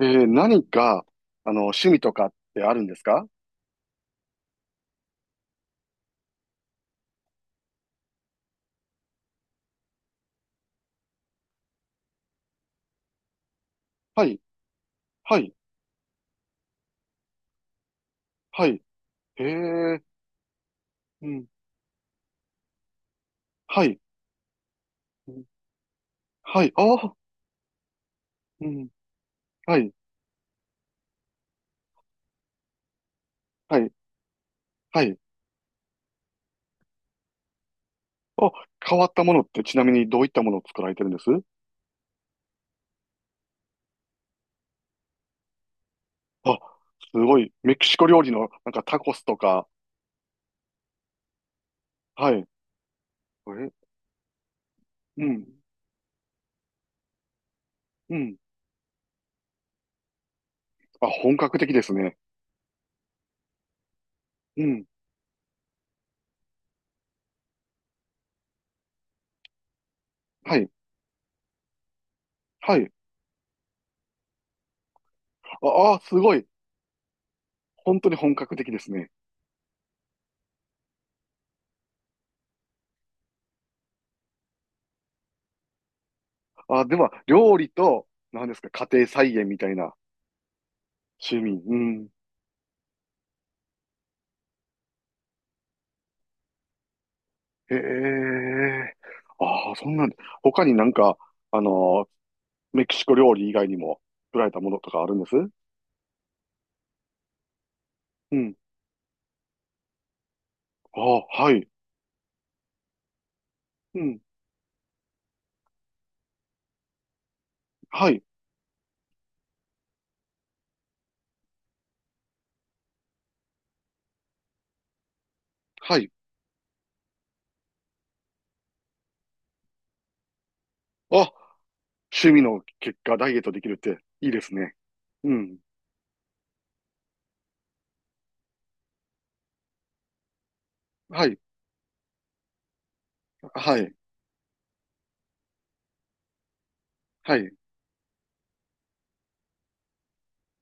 何か、趣味とかってあるんですか？はい、はい、はい。へえ。うん、はい、うん、はい。ああ、うん、はい、はい、はい。あ、変わったものってちなみにどういったものを作られてるんです？あ、すごい。メキシコ料理のなんかタコスとか。はい。え、うん、うん。あ、本格的ですね。うん、はい、はい。ああ、すごい。本当に本格的ですね。あ、では、料理と、何ですか、家庭菜園みたいな？趣味。うん。へえ。ああ、そんなん、他になんか、あのーメキシコ料理以外にも作られたものとかあるんです？うん。ああ、はい。うん。はい。はい。あ、趣味の結果ダイエットできるっていいですね。うん。はい。はい。はい。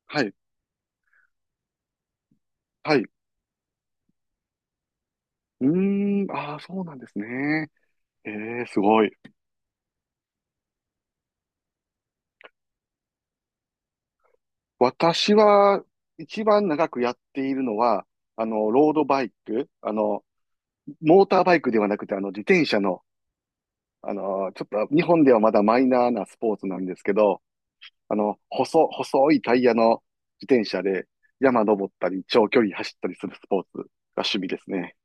はい。はい。うーん。ああ、そうなんですね。ええ、すごい。私は、一番長くやっているのは、ロードバイク、モーターバイクではなくて、自転車の、ちょっと日本ではまだマイナーなスポーツなんですけど、細いタイヤの自転車で山登ったり、長距離走ったりするスポーツが趣味ですね。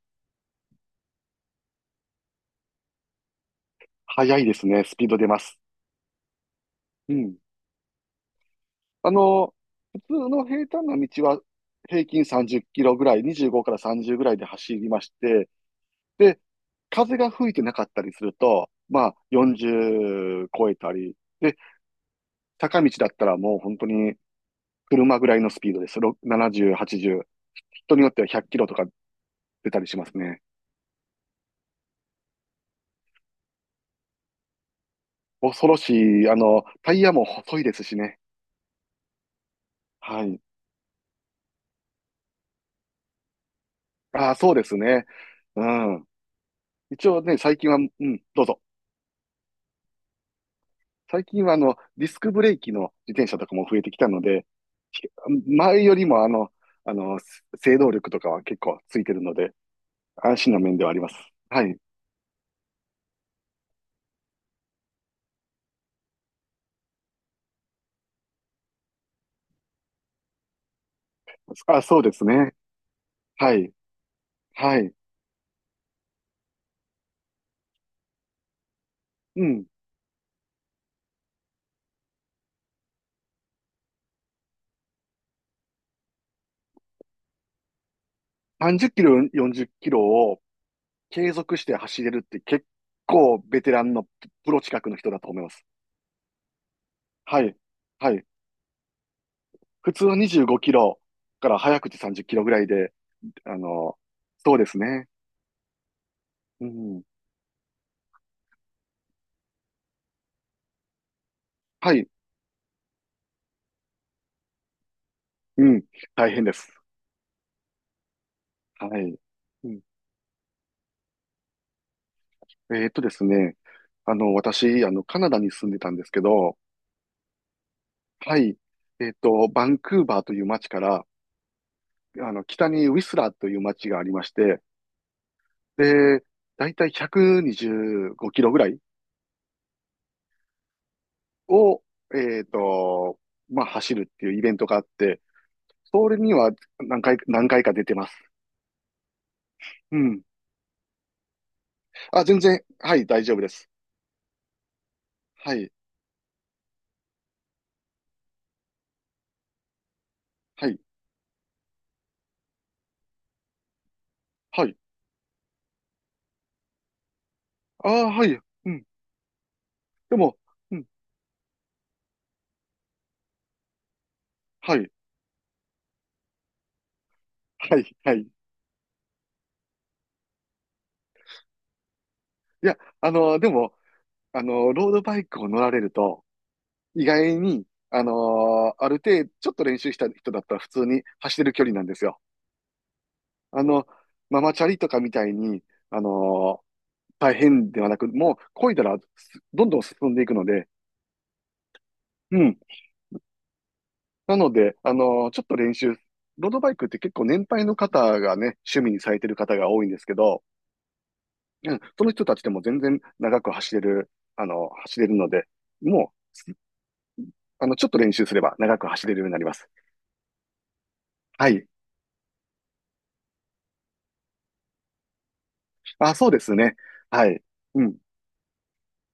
速いですね。スピード出ます。うん。あの、普通の平坦な道は平均30キロぐらい、25から30ぐらいで走りまして、で、風が吹いてなかったりすると、まあ40超えたり、で、坂道だったらもう本当に車ぐらいのスピードです。70、80。人によっては100キロとか出たりしますね。恐ろしい。タイヤも細いですしね。はい。ああ、そうですね。うん。一応ね、最近は、うん、どうぞ。最近はディスクブレーキの自転車とかも増えてきたので、ひ前よりもあの、制動力とかは結構ついてるので、安心な面ではあります。はい。あ、そうですね。はい。はい。うん。30キロ、40キロを継続して走れるって結構ベテランのプロ近くの人だと思います。はい。はい。普通は25キロから早くて30キロぐらいで、あの、そうですね。うん。はい。うん。大変です。はい。うん、ですね。私、カナダに住んでたんですけど、はい。バンクーバーという街から、北にウィスラーという街がありまして、で、だいたい125キロぐらいを、えっと、まあ、走るっていうイベントがあって、それには何回か出てます。うん。あ、全然、はい、大丈夫です。はい、はい、はい。ああ、はい、うん。でも、うん、はい、はい、はい。いや、でも、ロードバイクを乗られると、意外に、あのある程度、ちょっと練習した人だったら普通に走れる距離なんですよ。あの、ママチャリとかみたいに、あの大変ではなく、もう漕いだらどんどん進んでいくので、うん。なので、ちょっと練習、ロードバイクって結構年配の方がね、趣味にされてる方が多いんですけど、うん、その人たちでも全然長く走れる、走れるので、もう、ちょっと練習すれば長く走れるようになります。はい。あ、そうですね。はい。うん。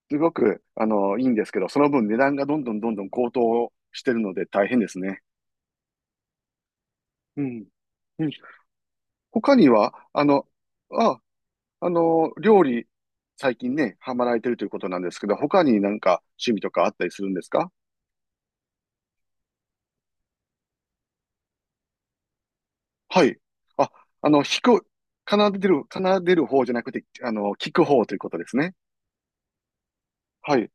すごく、いいんですけど、その分値段がどんどんどんどん高騰してるので大変ですね。うん。うん。他には、あ、料理、最近ね、ハマられてるということなんですけど、他になんか趣味とかあったりするんですか？はい。あ、弾く、奏でる方じゃなくて、聞く方ということですね。はい。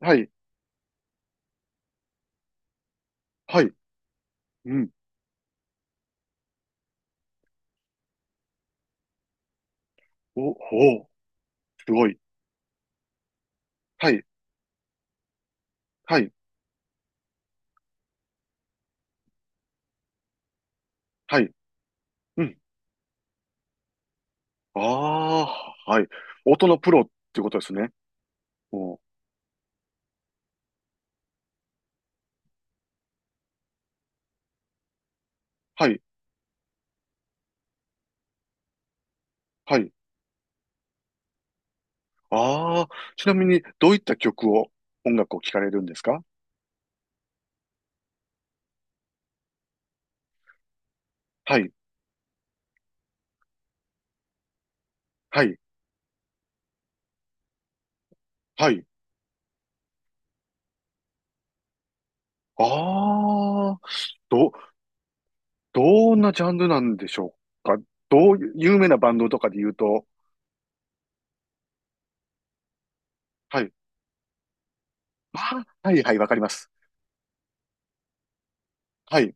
はい。はい。うん。お、ほう。すごい。はい。はい。はい。うん。ああ、はい。音のプロっていうことですね。お、はい。はい。ああ、ちなみにどういった曲を、音楽を聴かれるんですか？はい、はい、はい。ああ、ど、どんなジャンルなんでしょうか？有名なバンドとかで言うと、はい。ああ、はい、はい、わかります。はい。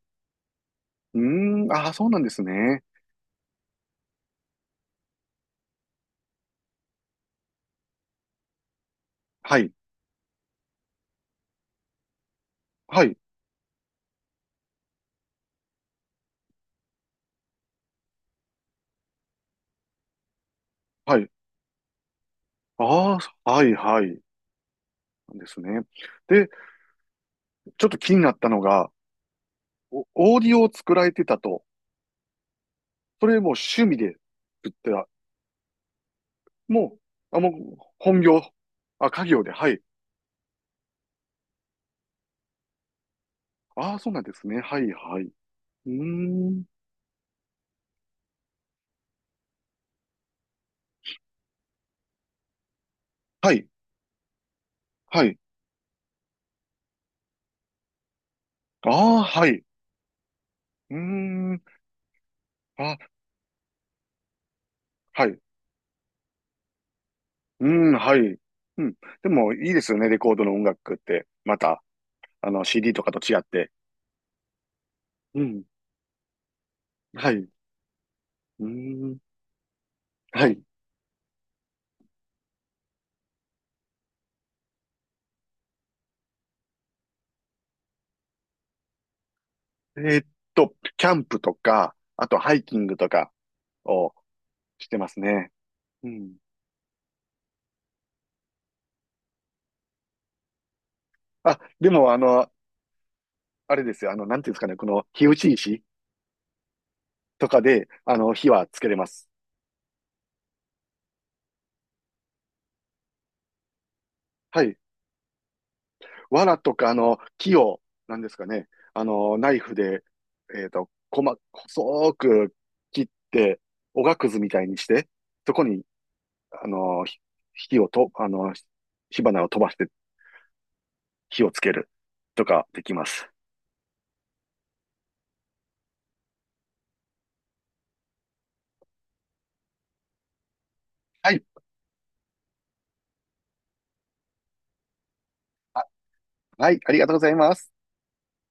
うーん、ああ、そうなんですね。はい、はい、はい。ああ、はい、はい。なんですね。で、ちょっと気になったのが、オーディオを作られてたと、それも趣味で作ってた？ももう、本業。あ、家業で、はい。ああ、そうなんですね。はい、はい。うーん。はい、はい。ああ、はい。うーん。あ、はい。うーん、はい。うん。でも、いいですよね。レコードの音楽って。また、CD とかと違って。うん。はい。うーん。はい。えーっキャンプとか、あと、ハイキングとかをしてますね。うん。あ、でも、あれですよ。なんていうんですかね。この、火打ち石。とかで、火はつけれます。はい。藁とか、木を、なんですかね、ナイフで、細く切って、おがくずみたいにして、そこに、あの、ひ火をと、あの、火花を飛ばして火をつけるとかできます。はい。あ、はい。ありがとうございます。